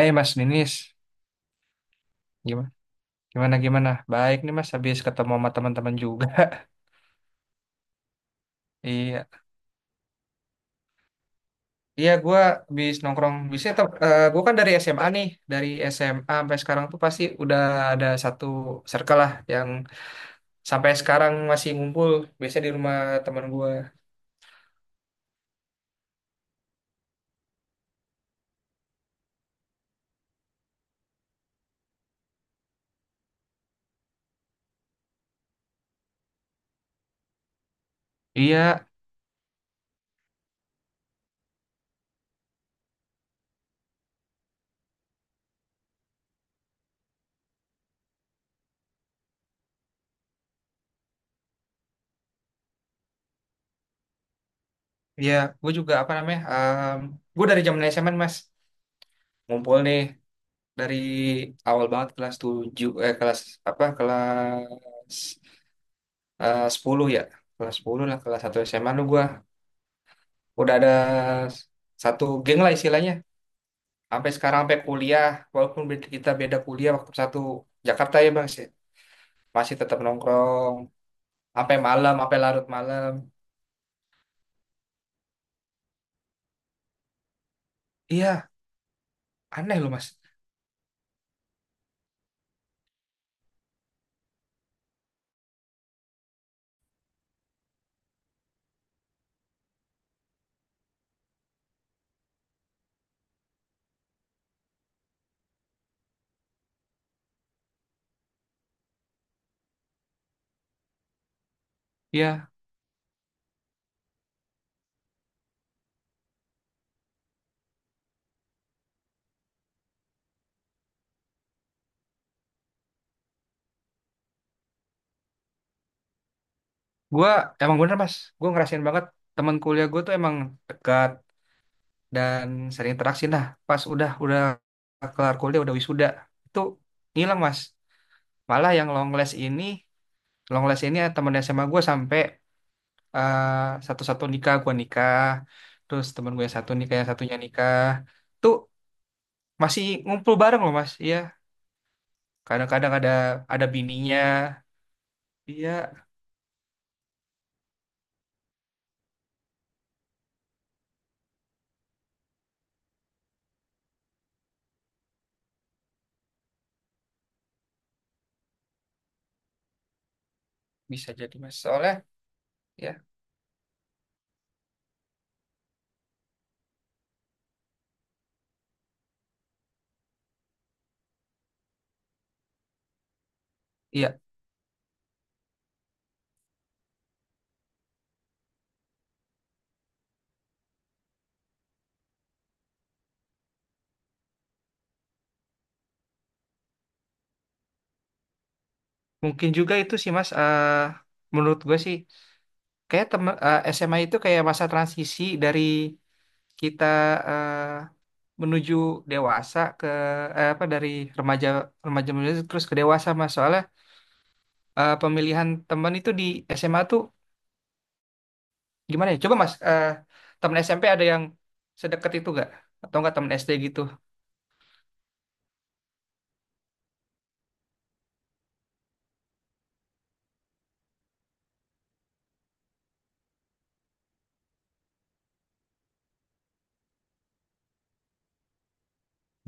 Eh Mas Ninis, gimana gimana gimana? Baik nih Mas, habis ketemu sama teman-teman juga. Iya, iya, gue habis nongkrong bisa. Gue kan dari SMA nih, dari SMA sampai sekarang tuh pasti udah ada satu circle lah yang sampai sekarang masih ngumpul. Biasanya di rumah teman gue. Iya, iya, gue juga apa namanya? Gue dari zaman SMA Mas, ngumpul nih dari awal banget kelas 7, eh kelas apa kelas, eh 10 ya, kelas 10 lah, kelas 1 SMA lu gua udah ada s- satu geng lah istilahnya, sampai sekarang, sampai kuliah, walaupun kita beda kuliah. Waktu satu Jakarta ya bang sih masih tetap nongkrong sampai malam, sampai larut malam. Iya, aneh loh mas. Iya, gua emang bener mas, gua ngerasain banget teman kuliah gua tuh emang dekat dan sering interaksi. Nah pas udah kelar kuliah, udah wisuda, itu ngilang mas. Malah yang long last ini, long last ini ya, temen SMA gue. Sampai eh, satu-satu nikah, gue nikah, terus temen gue yang satu nikah, yang satunya nikah, tuh masih ngumpul bareng loh mas. Iya, kadang-kadang ada bininya. Iya, bisa jadi mas soalnya. Ya, iya, mungkin juga itu sih mas. Eh, menurut gue sih kayak temen, eh, SMA itu kayak masa transisi dari kita, eh, menuju dewasa ke, eh, apa, dari remaja, menuju terus ke dewasa mas soalnya. Eh, pemilihan teman itu di SMA tuh gimana ya? Coba Mas, eh, teman SMP ada yang sedekat itu gak? Atau enggak teman SD gitu?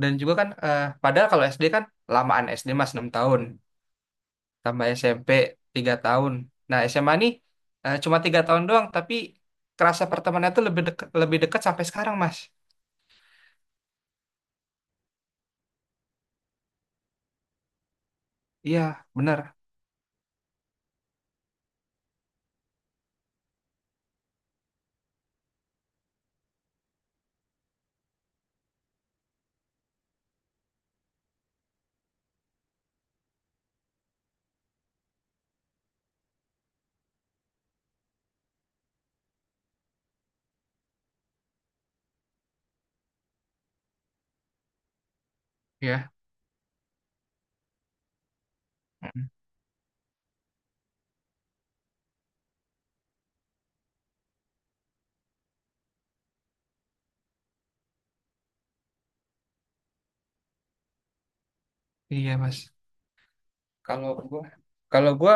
Dan juga kan, eh, padahal kalau SD kan lamaan SD Mas, 6 tahun, tambah SMP 3 tahun. Nah SMA nih eh, cuma tiga tahun doang, tapi kerasa pertemanannya tuh lebih dekat sampai sekarang Mas. Iya, benar. Iya. Mm-mm. Iya Mas. Kalau gua, kalau gua,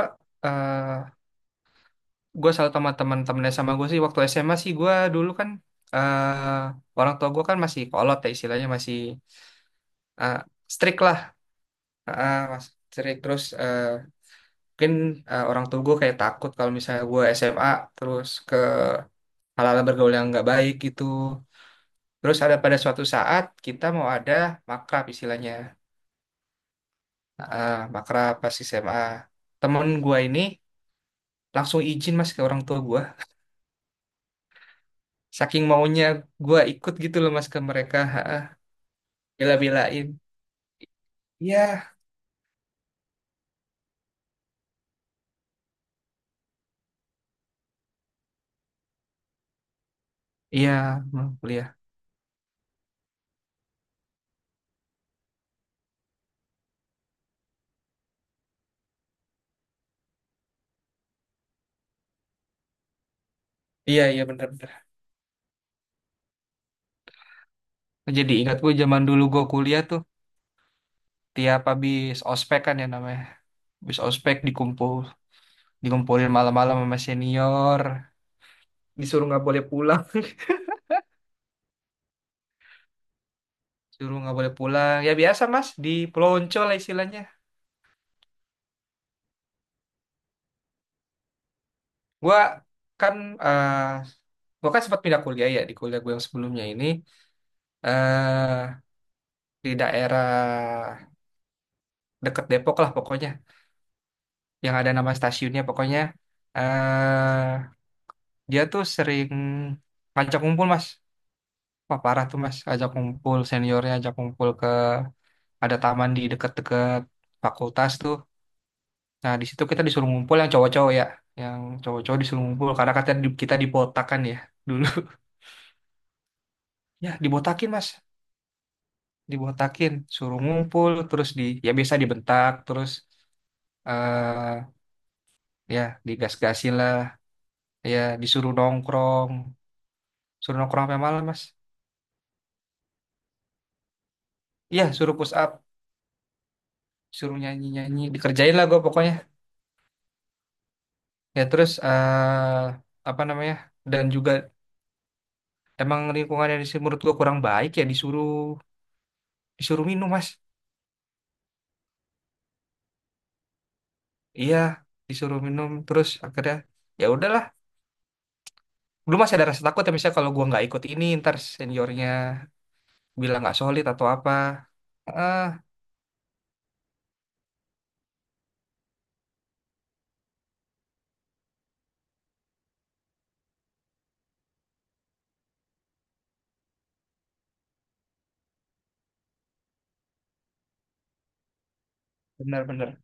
gue selalu sama teman-teman. Sama gue sih waktu SMA sih gue dulu kan, eh orang tua gue kan masih kolot ya istilahnya, masih eh, strict lah eh, mas, strict terus eh, mungkin eh, orang tua gue kayak takut kalau misalnya gue SMA terus ke hal-hal bergaul yang nggak baik gitu. Terus ada pada suatu saat kita mau ada makrab istilahnya. Eh, makrab pas SMA, temen gue ini langsung izin mas ke orang tua gue, saking maunya gue ikut gitu loh mas ke mereka. Ha, ah, bela-belain. Iya, iya, hmm, kuliah. Iya, iya, bener-bener. Jadi ingat gue zaman dulu gue kuliah tuh tiap habis ospek kan ya namanya. Habis ospek dikumpul, dikumpulin malam-malam sama senior, disuruh nggak boleh pulang, suruh nggak boleh pulang. Ya biasa Mas, di pelonco lah istilahnya. Gua kan eh gua kan sempat pindah kuliah ya. Di kuliah gue yang sebelumnya ini eh, di daerah deket Depok lah pokoknya, yang ada nama stasiunnya pokoknya. Eh, dia tuh sering ngajak kumpul mas. Wah parah tuh mas, ajak kumpul seniornya, ajak kumpul ke ada taman di deket-deket fakultas tuh. Nah di situ kita disuruh ngumpul yang cowok-cowok ya, yang cowok-cowok disuruh ngumpul karena katanya kita dibotakan ya dulu. Ya dibotakin mas, dibotakin, suruh ngumpul, terus di ya biasa dibentak terus eh, ya digas-gasin lah, ya disuruh nongkrong, suruh nongkrong sampai malam mas. Iya, suruh push up, suruh nyanyi-nyanyi, dikerjain lah gue pokoknya. Ya terus eh, apa namanya? Dan juga emang lingkungan yang di sini menurut gua kurang baik ya, disuruh disuruh minum mas. Iya, disuruh minum terus akhirnya ya udahlah. Dulu masih ada rasa takut ya misalnya kalau gua nggak ikut ini ntar seniornya bilang nggak solid atau apa. Ah, benar-benar.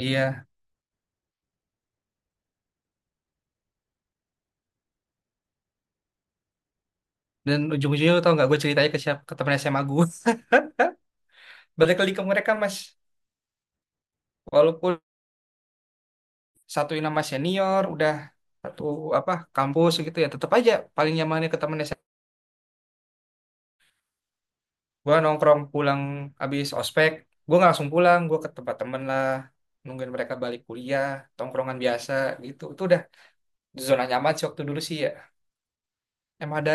Iya, dan ujung-ujungnya lu tau nggak gue ceritanya ke siapa? Ke temen SMA gue. Balik lagi ke mereka mas. Walaupun satuin nama senior udah satu apa kampus gitu, ya tetap aja paling nyamannya ke temen gue nongkrong. Pulang abis ospek gue nggak langsung pulang, gue ke tempat temen lah, nungguin mereka balik kuliah, tongkrongan biasa gitu. Itu udah zona nyaman sih waktu dulu sih ya. Emang ada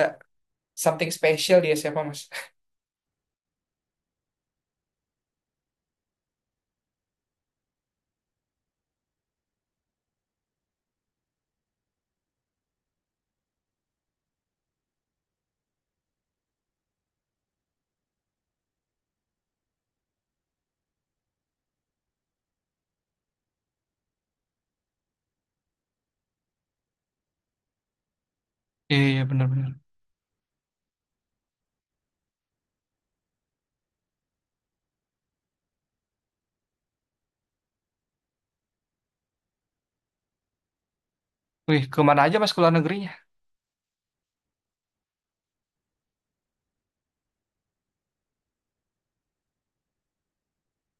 something special di SMA mas. Iya, iya, benar-benar. Wih, kemana aja mas ke luar negerinya?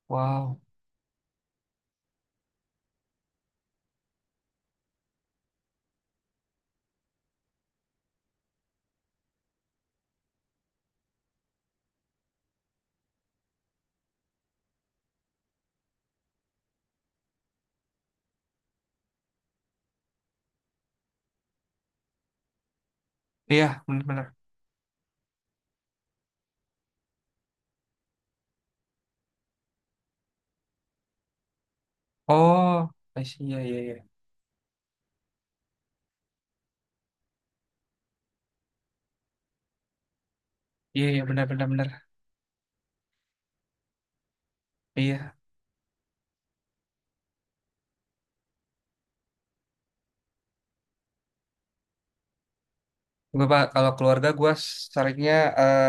Wow. Iya, benar-benar. Oh, I see. Iya, iya, iya. Iya, iya, benar-benar, benar. Benar, benar. Iya. Gue, Pak, kalau keluarga gue seringnya eh,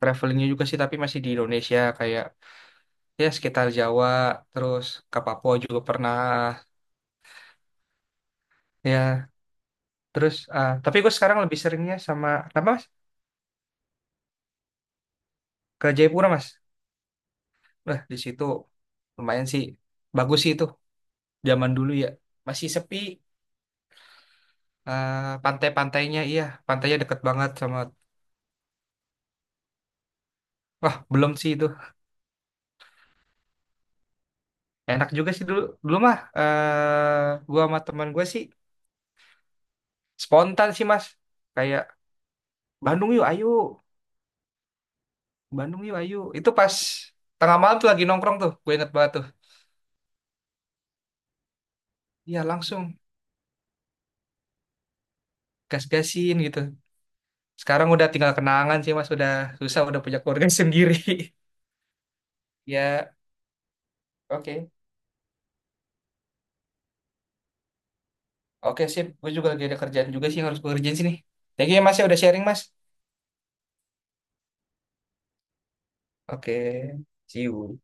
travelingnya juga sih, tapi masih di Indonesia. Kayak ya sekitar Jawa, terus ke Papua juga pernah. Ya terus ah, tapi gue sekarang lebih seringnya sama apa mas. Ke Jayapura mas. Wah, di situ lumayan sih, bagus sih itu zaman dulu ya, masih sepi. Ah, pantai-pantainya, iya pantainya deket banget sama. Wah belum sih itu. Enak juga sih dulu dulu mah eh, gue sama teman gue sih spontan sih mas, kayak Bandung yuk ayo, Bandung yuk ayo, itu pas tengah malam tuh lagi nongkrong tuh gue inget banget tuh. Iya langsung gas-gasin gitu. Sekarang udah tinggal kenangan sih Mas, udah susah, udah punya keluarga sendiri. Ya, oke. Oke, sip. Gue juga lagi ada kerjaan juga sih yang harus gue kerjain sini. Thank you ya Mas ya udah sharing Mas. Oke, see you.